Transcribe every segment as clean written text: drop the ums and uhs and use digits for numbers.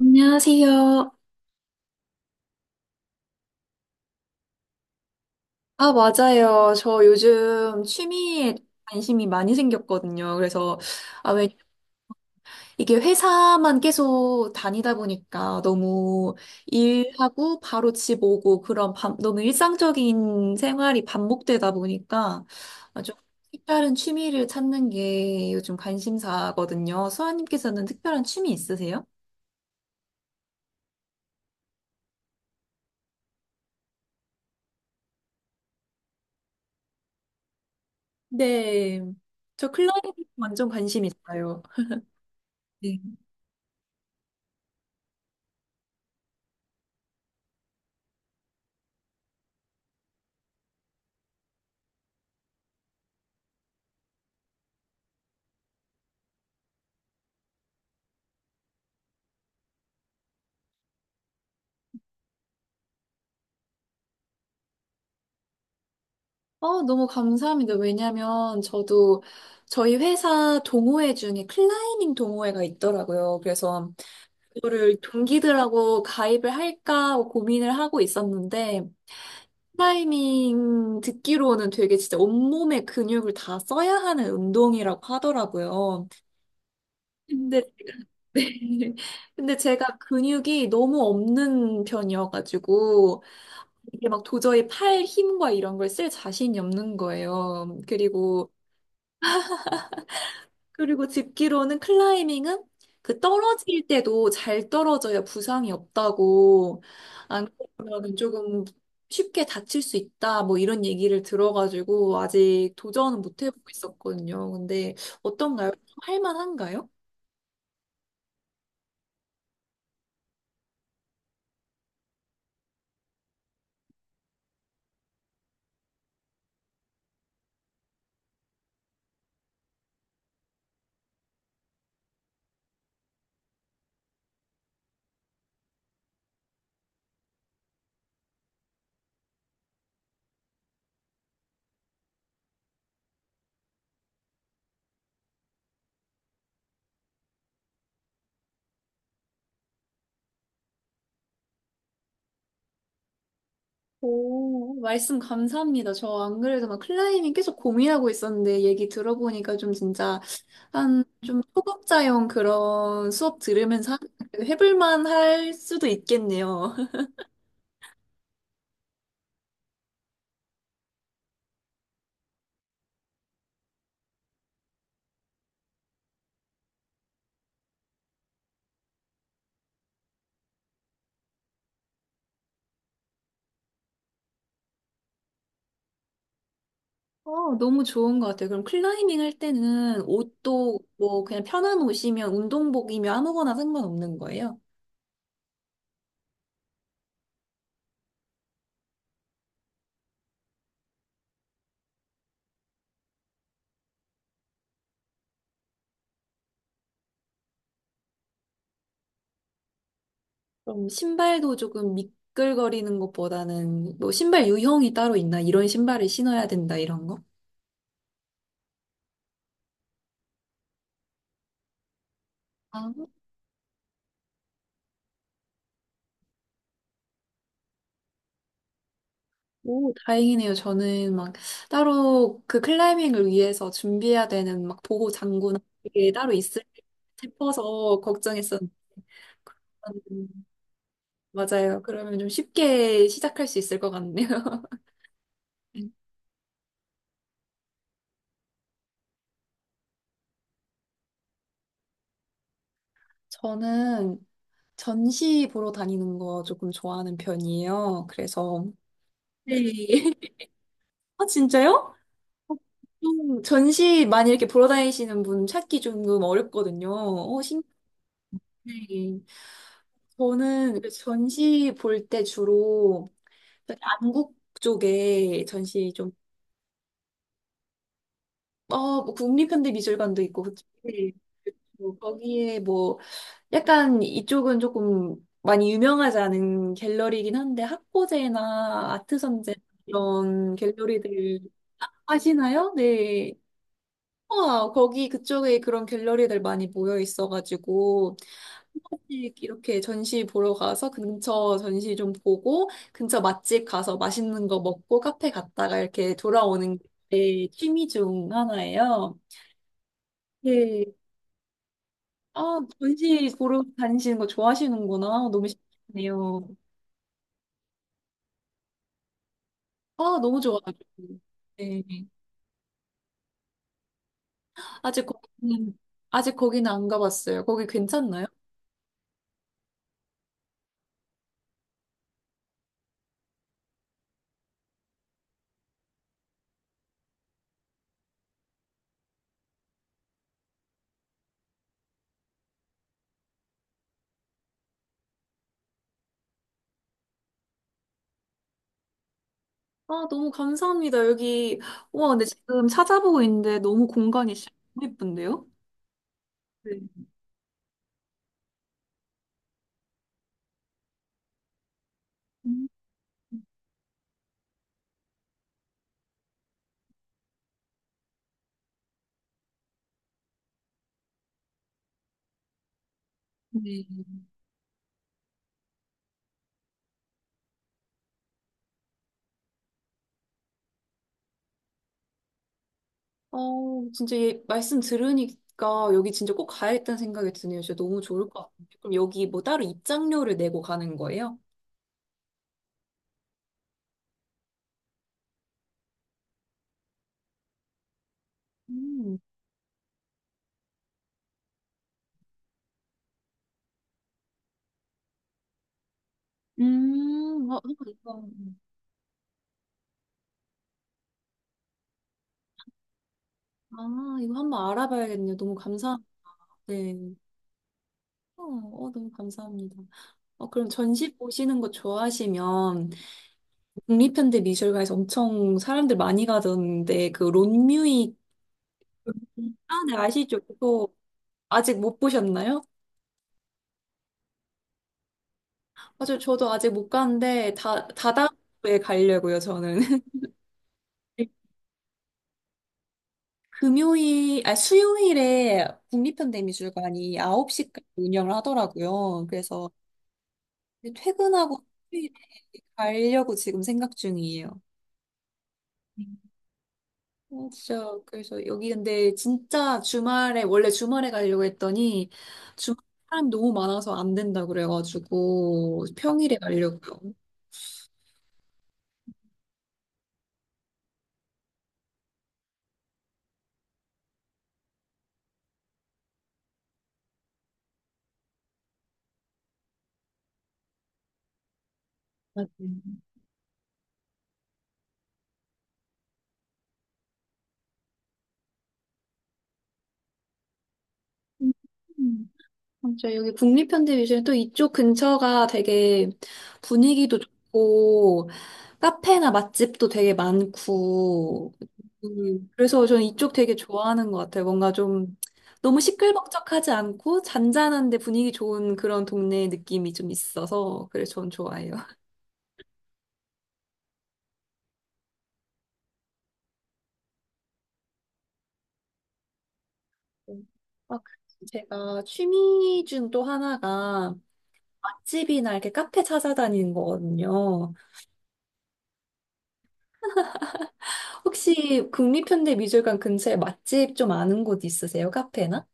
안녕하세요. 아, 맞아요. 저 요즘 취미에 관심이 많이 생겼거든요. 그래서, 아, 왜, 이게 회사만 계속 다니다 보니까 너무 일하고 바로 집 오고 너무 일상적인 생활이 반복되다 보니까 아, 좀 특별한 취미를 찾는 게 요즘 관심사거든요. 수아님께서는 특별한 취미 있으세요? 네. 저 클라이밍 완전 관심 있어요. 어, 너무 감사합니다. 왜냐면 저도 저희 회사 동호회 중에 클라이밍 동호회가 있더라고요. 그래서 그거를 동기들하고 가입을 할까 하고 고민을 하고 있었는데 클라이밍 듣기로는 되게 진짜 온몸의 근육을 다 써야 하는 운동이라고 하더라고요. 근데 네. 근데 제가 근육이 너무 없는 편이어가지고 이게 막 도저히 팔 힘과 이런 걸 쓸 자신이 없는 거예요. 그리고 듣기로는 클라이밍은 그 떨어질 때도 잘 떨어져야 부상이 없다고 안 그러면 조금 쉽게 다칠 수 있다 뭐 이런 얘기를 들어가지고 아직 도전은 못 해보고 있었거든요. 근데 어떤가요? 좀 할만한가요? 오, 말씀 감사합니다. 저 안 그래도 막 클라이밍 계속 고민하고 있었는데 얘기 들어보니까 좀 진짜 한 좀 초급자용 그런 수업 들으면서 하- 해볼 만할 수도 있겠네요. 어, 너무 좋은 것 같아요. 그럼 클라이밍 할 때는 옷도 뭐 그냥 편한 옷이면 운동복이면 아무거나 상관없는 거예요? 그럼 신발도 조금 미끌거리는 것보다는 뭐 신발 유형이 따로 있나? 이런 신발을 신어야 된다, 이런 거? 아, 오, 다행이네요. 저는 막 따로 그 클라이밍을 위해서 준비해야 되는 막 보호 장구나 이게 따로 있을 싶어서 걱정했었는데. 음, 맞아요. 그러면 좀 쉽게 시작할 수 있을 것 같네요. 저는 전시 보러 다니는 거 조금 좋아하는 편이에요. 그래서, 네. 아, 진짜요? 어, 좀 전시 많이 이렇게 보러 다니시는 분 찾기 조금 어렵거든요. 어, 신... 네. 저는 그 전시 볼 때 주로 안국 쪽에 전시 좀, 어, 뭐 국립현대미술관도 있고, 네. 뭐 거기에 뭐 약간 이쪽은 조금 많이 유명하지 않은 갤러리이긴 한데 학고제나 아트선제 이런 갤러리들 아시나요? 네. 와, 거기 그쪽에 그런 갤러리들 많이 모여 있어가지고 한 번씩 이렇게 전시 보러 가서 근처 전시 좀 보고 근처 맛집 가서 맛있는 거 먹고 카페 갔다가 이렇게 돌아오는 게 취미 중 하나예요. 네. 아, 전시 보러 다니시는 거 좋아하시는구나. 너무 신기하네요. 아, 너무 좋아가지고. 네. 아직 거기는, 아직 거기는 안 가봤어요. 거기 괜찮나요? 아, 너무 감사합니다. 여기, 와, 근데 지금 찾아보고 있는데 너무 공간이 진짜 너무 예쁜데요? 네. 음, 네. 어, 진짜 얘 말씀 들으니까 여기 진짜 꼭 가야겠다는 생각이 드네요. 진짜 너무 좋을 것 같아요. 그럼 여기 뭐 따로 입장료를 내고 가는 거예요? 음, 어, 한번 이거, 아, 이거 한번 알아봐야겠네요. 너무 감사합니다. 네. 어, 어, 너무 감사합니다. 어, 그럼 전시 보시는 거 좋아하시면 국립현대 미술관에서 엄청 사람들 많이 가던데 그 론뮤이 아, 네, 아시죠? 그거 아직 못 보셨나요? 맞아요. 저도 아직 못 갔는데 다 다다음에 가려고요, 저는. 금요일, 아, 수요일에 국립현대미술관이 9시까지 운영을 하더라고요. 그래서 퇴근하고 수요일에 가려고 지금 생각 중이에요. 어, 진짜 그래서 여기 근데 진짜 주말에 원래 주말에 가려고 했더니 주말 사람 너무 많아서 안 된다 그래가지고 평일에 가려고요. 맞아요. 음. 맞아요. 여기 국립현대미술은 또 이쪽 근처가 되게 분위기도 좋고, 카페나 맛집도 되게 많고, 그래서 저는 이쪽 되게 좋아하는 것 같아요. 뭔가 좀 너무 시끌벅적하지 않고 잔잔한데 분위기 좋은 그런 동네 느낌이 좀 있어서, 그래서 저는 좋아해요. 음. 아, 그리고 제가 취미 중 또 하나가 맛집이나 이렇게 카페 찾아다니는 거거든요. 혹시 국립현대미술관 근처에 맛집 좀 아는 곳 있으세요? 카페나?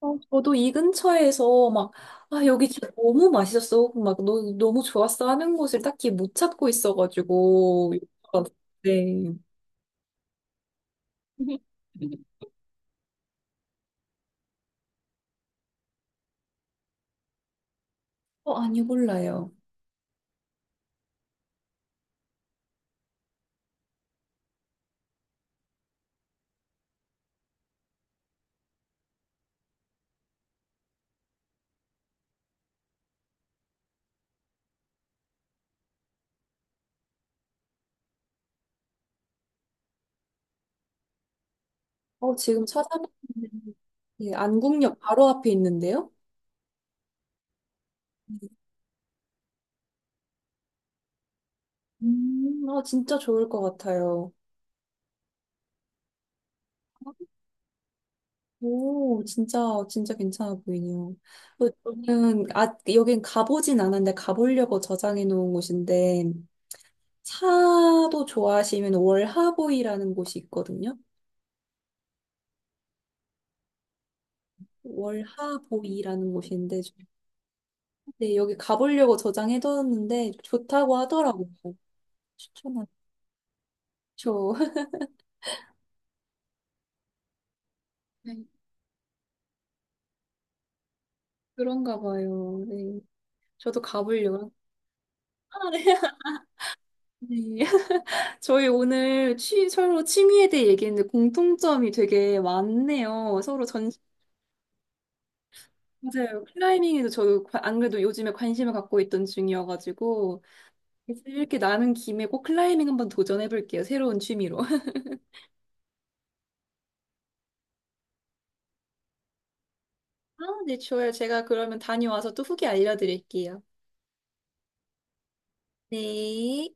어, 저도 이 근처에서 막, 아, 여기 진짜 너무 맛있었어. 막, 너무 좋았어 하는 곳을 딱히 못 찾고 있어가지고. 네. 어, 아니, 몰라요. 어, 지금 찾아봤는데, 네, 안국역 바로 앞에 있는데요? 아, 진짜 좋을 것 같아요. 오, 진짜, 진짜 괜찮아 보이네요. 그, 저는, 아, 여긴 가보진 않았는데, 가보려고 저장해 놓은 곳인데, 차도 좋아하시면 월하보이라는 곳이 있거든요. 월하보이라는 곳인데, 네, 여기 가보려고 저장해 뒀는데, 좋다고 하더라고요. 추천하죠. 네, 그런가 봐요. 네. 저도 가보려고. 아, 네. 네. 저희 오늘 서로 취미에 대해 얘기했는데 공통점이 되게 많네요. 서로 전 맞아요. 클라이밍에도 안 그래도 요즘에 관심을 갖고 있던 중이어가지고 이렇게 나는 김에 꼭 클라이밍 한번 도전해볼게요. 새로운 취미로. 아, 네, 좋아요. 제가 그러면 다녀와서 또 후기 알려드릴게요. 네.